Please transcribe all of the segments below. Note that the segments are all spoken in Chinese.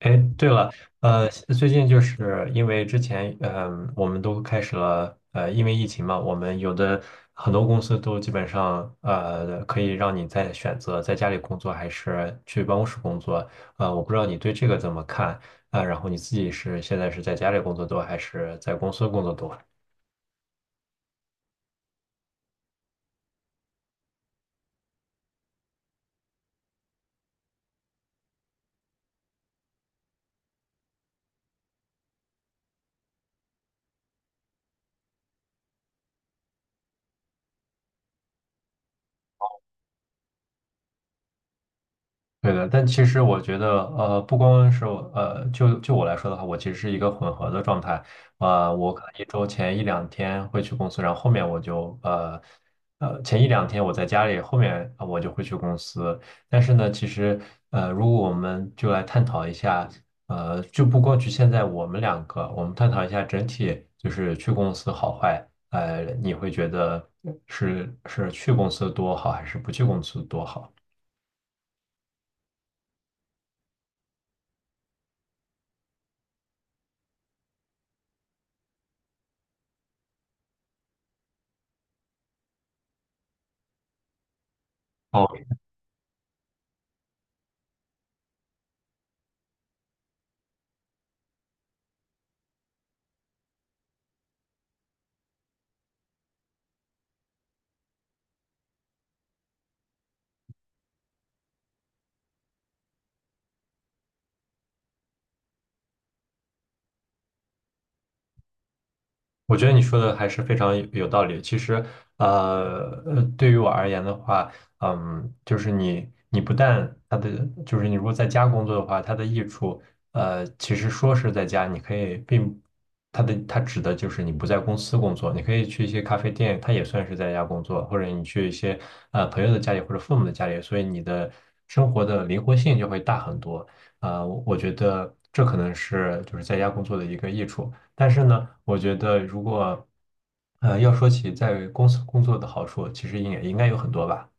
哎，对了，最近就是因为之前，我们都开始了，因为疫情嘛，我们有的很多公司都基本上，可以让你在选择在家里工作还是去办公室工作，我不知道你对这个怎么看啊，然后你自己是现在是在家里工作多还是在公司工作多？对的，但其实我觉得，不光是我，就我来说的话，我其实是一个混合的状态，我可能一周前一两天会去公司，然后后面前一两天我在家里，后面我就会去公司。但是呢，其实,如果我们就来探讨一下，就不光局限在我们两个，我们探讨一下整体，就是去公司好坏，你会觉得是去公司多好，还是不去公司多好？哦。我觉得你说的还是非常有道理。其实，对于我而言的话，就是你不但它的，就是你如果在家工作的话，它的益处，其实说是在家，你可以并它的它指的就是你不在公司工作，你可以去一些咖啡店，它也算是在家工作，或者你去一些朋友的家里或者父母的家里，所以你的生活的灵活性就会大很多。我觉得这可能是就是在家工作的一个益处。但是呢，我觉得如果要说起在公司工作的好处，其实也应该有很多吧。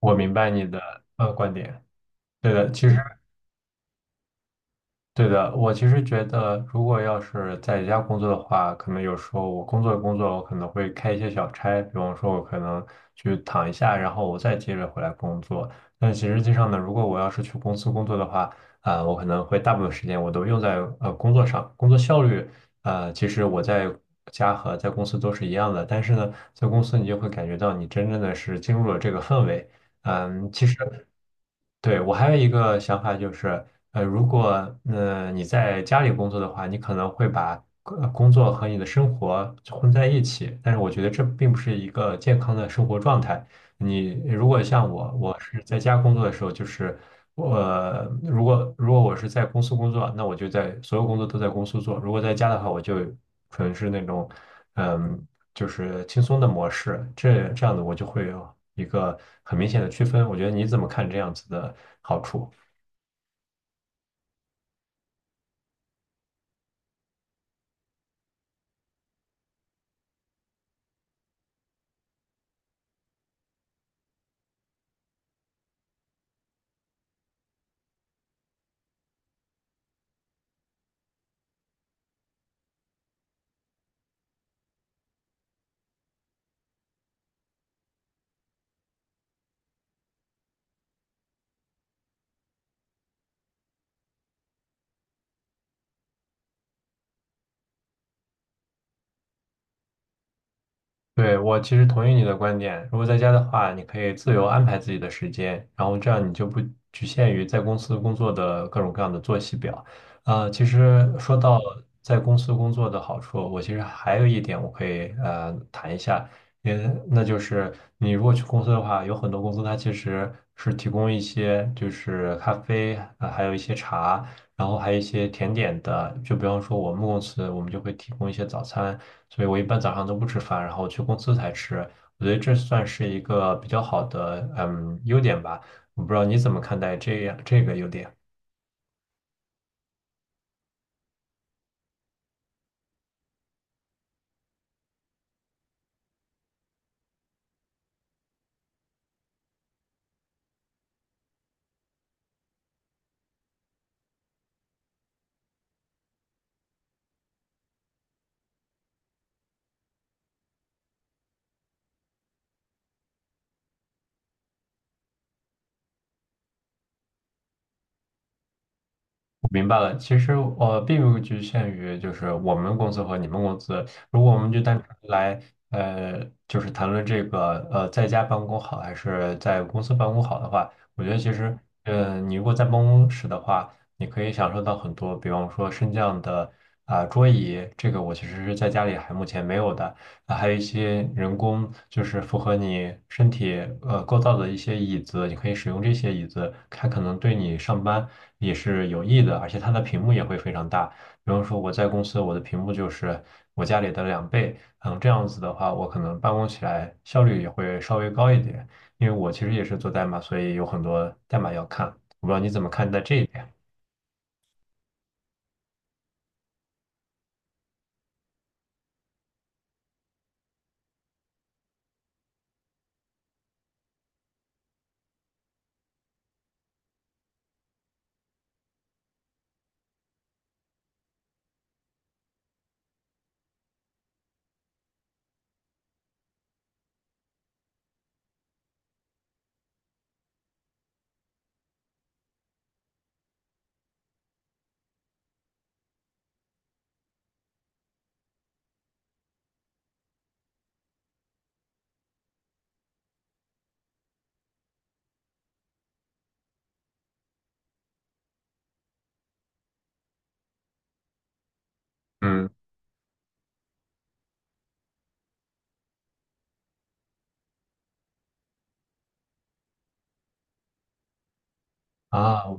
我明白你的观点，对的，其实。对的，我其实觉得，如果要是在家工作的话，可能有时候我工作，我可能会开一些小差，比方说，我可能去躺一下，然后我再接着回来工作。但其实实际上呢，如果我要是去公司工作的话，我可能会大部分时间我都用在工作上，工作效率，其实我在家和在公司都是一样的，但是呢，在公司你就会感觉到你真正的是进入了这个氛围。嗯，其实。对，我还有一个想法就是，如果你在家里工作的话，你可能会把工作和你的生活混在一起，但是我觉得这并不是一个健康的生活状态。你如果像我，我是在家工作的时候，就是我,如果我是在公司工作，那我就在所有工作都在公司做；如果在家的话，我就纯是那种。嗯。就是轻松的模式，这样子我就会有一个很明显的区分。我觉得你怎么看这样子的好处？对，我其实同意你的观点。如果在家的话，你可以自由安排自己的时间，然后这样你就不局限于在公司工作的各种各样的作息表。其实说到在公司工作的好处，我其实还有一点我可以谈一下，那就是你如果去公司的话，有很多公司它其实是提供一些就是咖啡，还有一些茶。然后还有一些甜点的，就比方说我们公司我们就会提供一些早餐，所以我一般早上都不吃饭，然后去公司才吃。我觉得这算是一个比较好的优点吧，我不知道你怎么看待这样这个优点。明白了，其实并不局限于就是我们公司和你们公司。如果我们就单纯来就是谈论这个在家办公好还是在公司办公好的话，我觉得其实你如果在办公室的话，你可以享受到很多，比方说升降的桌椅，这个我其实是在家里还目前没有的。啊还有一些人工，就是符合你身体构造的一些椅子，你可以使用这些椅子，它可能对你上班也是有益的，而且它的屏幕也会非常大。比方说我在公司，我的屏幕就是我家里的两倍，嗯，这样子的话，我可能办公起来效率也会稍微高一点，因为我其实也是做代码，所以有很多代码要看。我不知道你怎么看待这一点。嗯。啊，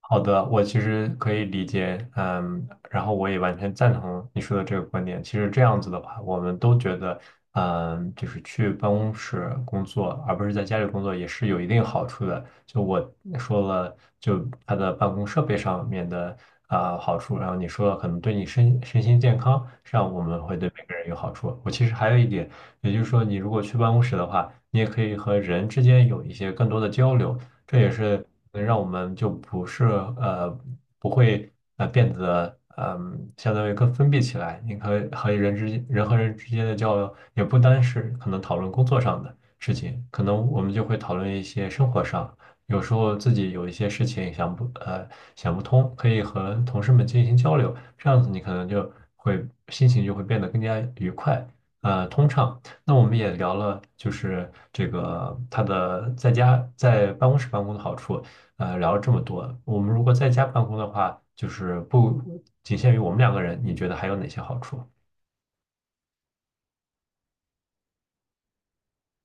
好的，我其实可以理解，嗯，然后我也完全赞同你说的这个观点。其实这样子的话，我们都觉得，就是去办公室工作，而不是在家里工作，也是有一定好处的。就我说了，就他的办公设备上面的好处，然后你说了可能对你身心健康上我们会对每个人有好处。我其实还有一点，也就是说，你如果去办公室的话，你也可以和人之间有一些更多的交流。这也是能让我们就不是不会变得相当于更封闭起来。你可以和人和人之间的交流，也不单是可能讨论工作上的事情，可能我们就会讨论一些生活上，有时候自己有一些事情想不通，可以和同事们进行交流，这样子你可能就会心情就会变得更加愉快，通畅。那我们也聊了，就是这个他的在家在办公室办公的好处，聊了这么多。我们如果在家办公的话，就是不仅限于我们两个人，你觉得还有哪些好处？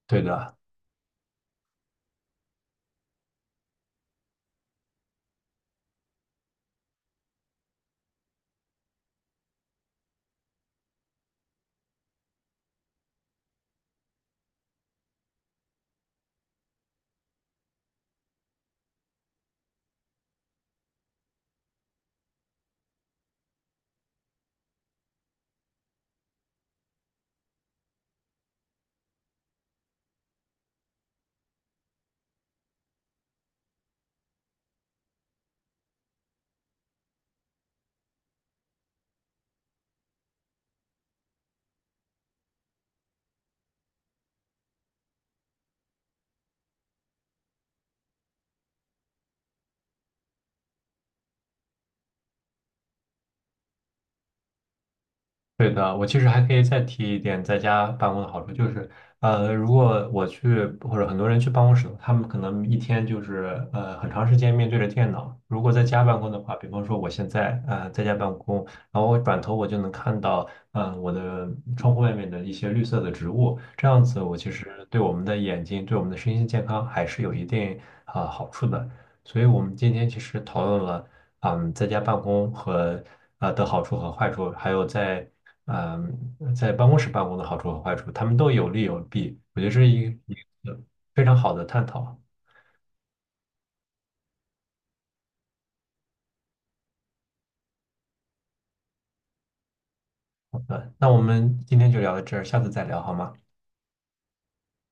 对的，对的，我其实还可以再提一点在家办公的好处，就是，如果我去或者很多人去办公室，他们可能一天就是很长时间面对着电脑。如果在家办公的话，比方说我现在在家办公，然后我转头我就能看到我的窗户外面的一些绿色的植物，这样子我其实对我们的眼睛、对我们的身心健康还是有一定好处的。所以我们今天其实讨论了。嗯，在家办公和的好处和坏处，还有在嗯，在办公室办公的好处和坏处，他们都有利有弊，我觉得这是一个非常好的探讨。好的那我们今天就聊到这儿，下次再聊好吗？